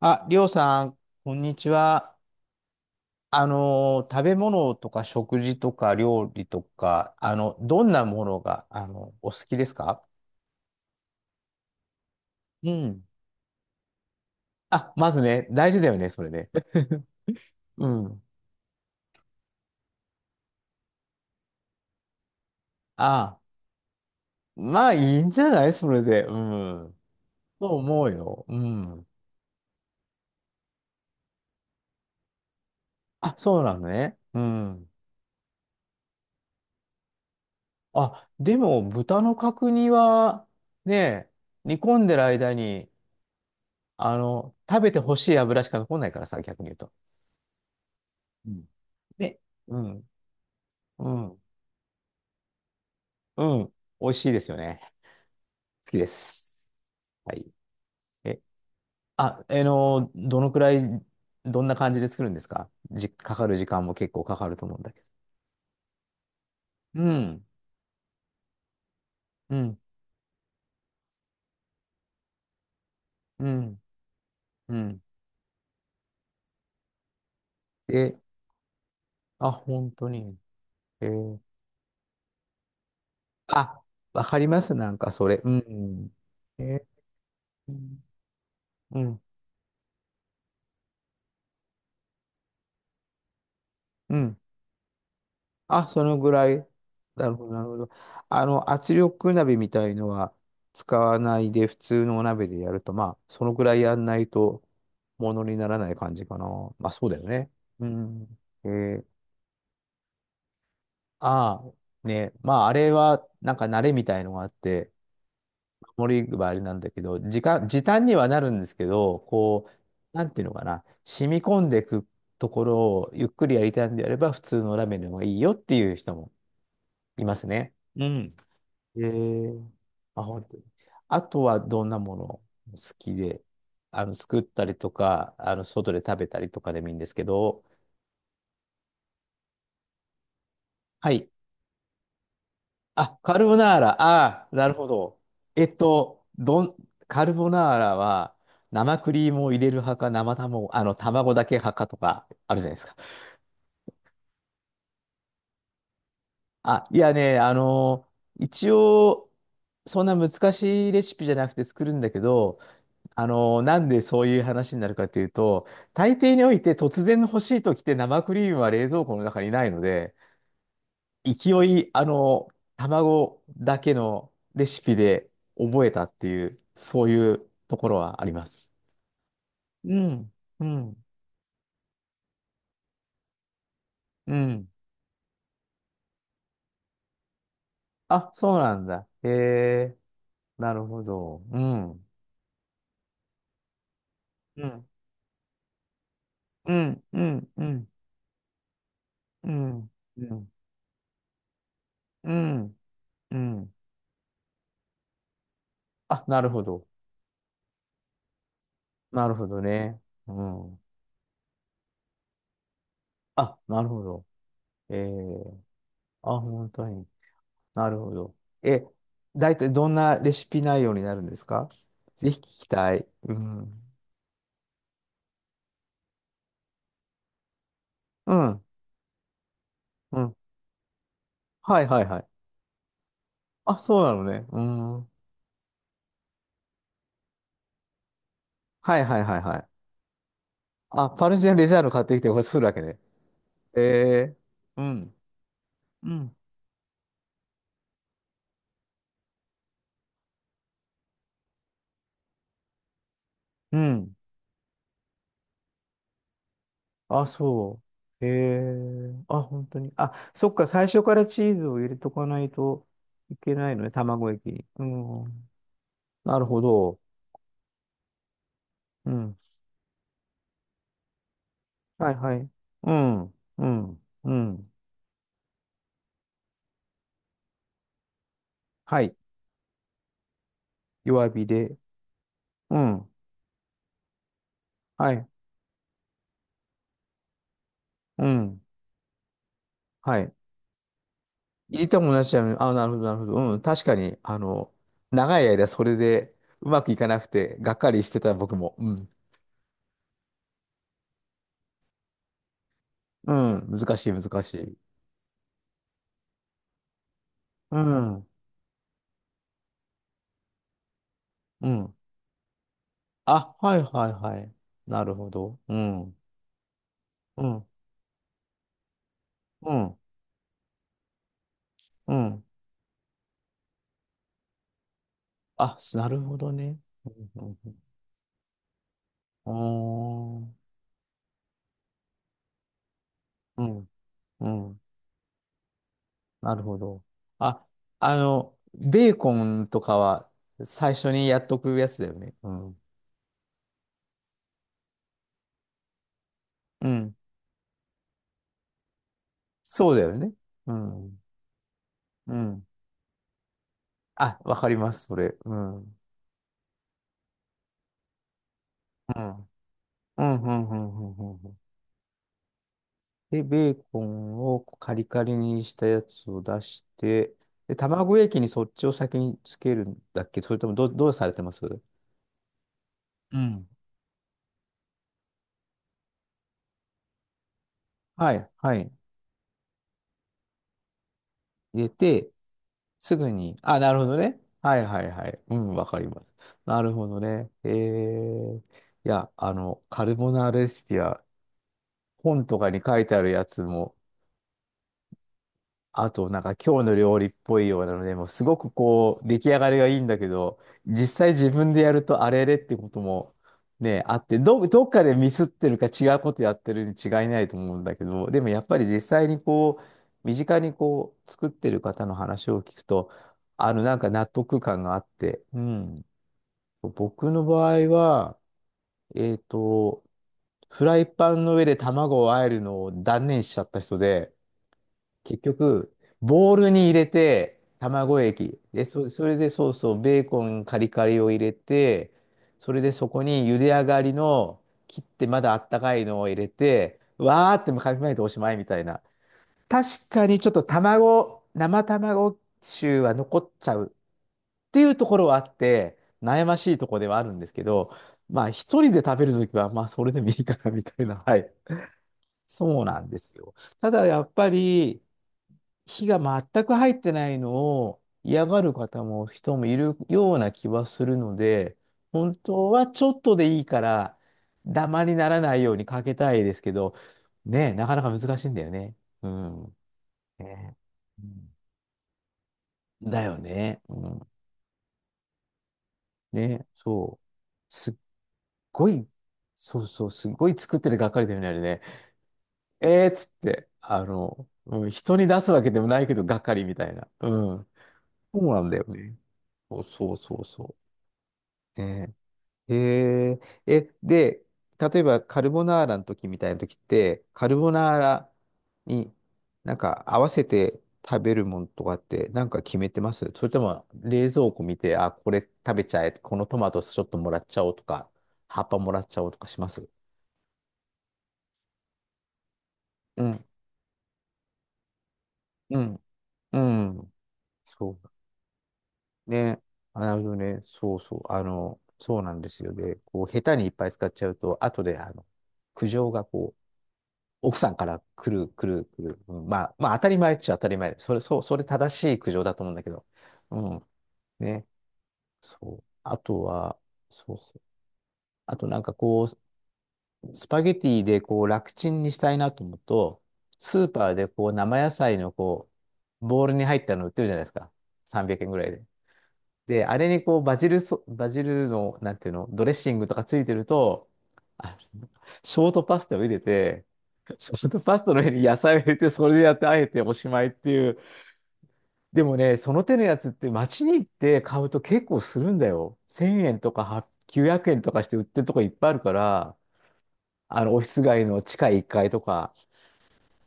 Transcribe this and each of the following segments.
あ、りょうさん、こんにちは。食べ物とか食事とか料理とか、どんなものが、お好きですか？うん。あ、まずね、大事だよね、それね。うん。あ、まあいいんじゃないそれで。うん。そう思うよ。うん。あ、そうなのね。うん。あ、でも、豚の角煮は、ね、煮込んでる間に、食べてほしい油しか残んないからさ、逆に言うと。うんね。うん。うん。うん。美味しいですよね。好きです。はい。え、あ、どのくらい、どんな感じで作るんですか？かかる時間も結構かかると思うんだけど。うん。うん。うん。うん。え、あ、本当に。えーあ、わかります。なんかそれ。うん。えーうん。うん。うんあ、そのぐらい。なるほど、なるほど。圧力鍋みたいのは使わないで、普通のお鍋でやると、まあ、そのぐらいやんないと、ものにならない感じかな。まあ、そうだよね。うん。えー、ああ、ね、まあ、あれは、なんか慣れみたいのがあって、守りはあれなんだけど、時短にはなるんですけど、こう、なんていうのかな、染み込んでいくところをゆっくりやりたいんであれば、普通のラーメンの方がいいよっていう人もいますね。うん。えー、あ、本当に。あとはどんなもの好きで、作ったりとか、外で食べたりとかでもいいんですけど、はい。あ、カルボナーラ。ああ、なるほど。えっと、どん、カルボナーラは、生クリームを入れる派か、生卵、卵だけ派かとか、あるじゃないですか。あ、いやね、一応、そんな難しいレシピじゃなくて作るんだけど、なんでそういう話になるかというと、大抵において突然の欲しい時って生クリームは冷蔵庫の中にないので、勢い、卵だけのレシピで覚えたっていう、そういうところはあります。うん、うん、うん。あ、そうなんだ。へえ、なるほど。うん、うん、うん、うん、うん、うん、うん、うん、うん。あ、なるほど。なるほどね。うん。あ、なるほど。ええあ、本当に。なるほど。え、大体どんなレシピ内容になるんですか？ぜひ聞きたい。うん。うん。うん。はいはいはい。あ、そうなのね。うん。はいはいはいはい。あ、パルジャンレジャーノ買ってきてこれするわけね。ええうん。うん。うん。あ、そう。ええあ、本当に。あ、そっか、最初からチーズを入れとかないといけないのね、卵液に。うん。なるほど。うん。はいはい。うん、うん、うん。はい。弱火で。うん。はい。うん。はい。入れても同じだよね。あ、なるほど、なるほど。うん。確かに、長い間それでうまくいかなくて、がっかりしてた僕も。うん。うん。難しい、難しい。うん。うん。あ、はい、はい、はい。なるほど。うん。うん。うん。うん。あ、なるほどね。うん。うん。うん。あーうん。うんなるほど。あ、ベーコンとかは最初にやっとくやつだよね。うん。うん。そうだよね。うん。うん。あ、わかります、それ。うん。うん。うん、うん、うん、うん、うんうんで、ベーコンをカリカリにしたやつを出して、で、卵液にそっちを先につけるんだっけ？それともどうされてます？うん。はい、はい。入れて、すぐに。あ、なるほどね。はいはいはい。うん、わかります。なるほどね。いや、カルボナーラレシピは本とかに書いてあるやつも、あと、なんか今日の料理っぽいようなので、もうすごくこう、出来上がりがいいんだけど、実際自分でやるとあれれってこともね、あって、どっかでミスってるか違うことやってるに違いないと思うんだけど、でもやっぱり実際にこう、身近にこう、作ってる方の話を聞くと、なんか納得感があって、うん。僕の場合は、えっと、フライパンの上で卵を和えるのを断念しちゃった人で、結局、ボウルに入れて、卵液。で、それでソースをベーコンカリカリを入れて、それでそこに茹で上がりの切ってまだあったかいのを入れて、わーってかき混ぜておしまいみたいな。確かにちょっと生卵臭は残っちゃうっていうところはあって、悩ましいところではあるんですけど、まあ一人で食べるときは、まあそれでもいいかなみたいな。はい。そうなんですよ。ただやっぱり、火が全く入ってないのを嫌がる人もいるような気はするので、本当はちょっとでいいから、ダマにならないようにかけたいですけど、ねえ、なかなか難しいんだよね。うん。ねうんだよね。うん。ね、そう。すっごい、そうそう、すっごい作っててがっかりだよね、あれね。えーっつって、うん、人に出すわけでもないけど、がっかりみたいな。うん。そうなんだよね。そうそうそうそう。ねえへえ、で、例えばカルボナーラの時みたいな時って、カルボナーラになんか合わせて食べるもんとかってなんか決めてます？それとも冷蔵庫見て、あ、これ食べちゃえ、このトマトちょっともらっちゃおうとか、葉っぱもらっちゃおうとかします？うん、うん、うん。そう。ね。あなるほどね。そうそう。そうなんですよね。こう、下手にいっぱい使っちゃうと、後で、苦情がこう、奥さんから来る、来る、来る。うん、まあ、まあ、当たり前っちゃ当たり前。それ正しい苦情だと思うんだけど。うん。ね。そう。あとは、そうそう。あとなんかこう、スパゲティでこう、楽ちんにしたいなと思うと、スーパーでこう、生野菜のこう、ボウルに入ったの売ってるじゃないですか。300円ぐらいで。で、あれにこう、バジルの、なんていうの、ドレッシングとかついてると、あショートパスタを入れて、そのパスタの上に野菜を入れて、それでやって、あえておしまいっていう。でもね、その手のやつって街に行って買うと結構するんだよ。1000円とかは900円とかして売ってるとこいっぱいあるから、オフィス街の地下1階とか。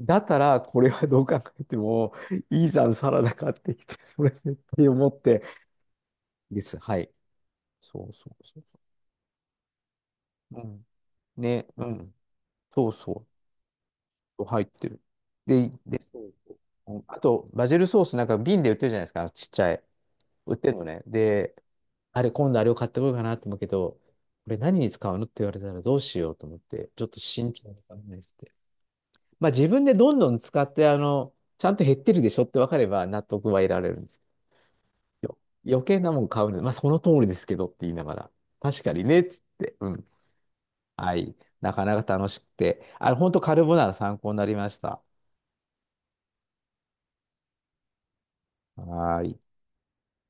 だったら、これはどう考えても、いいじゃん、サラダ買ってきて、これって思って。です。はい。そうそうそう。うん。ね、うん。そうそう。入ってる。で、そうそううんあと、バジルソースなんか瓶で売ってるじゃないですか、ちっちゃい。売ってんのね。で、あれ、今度あれを買ってこようかなと思うけど、これ何に使うのって言われたらどうしようと思って、ちょっと慎重に考えてて。まあ自分でどんどん使って、ちゃんと減ってるでしょって分かれば納得は得られるんですけど、余計なもん買うの、まあその通りですけどって言いながら、確かにねっつって、うん。はい。なかなか楽しくて、本当カルボナーラ参考になりました。はーい。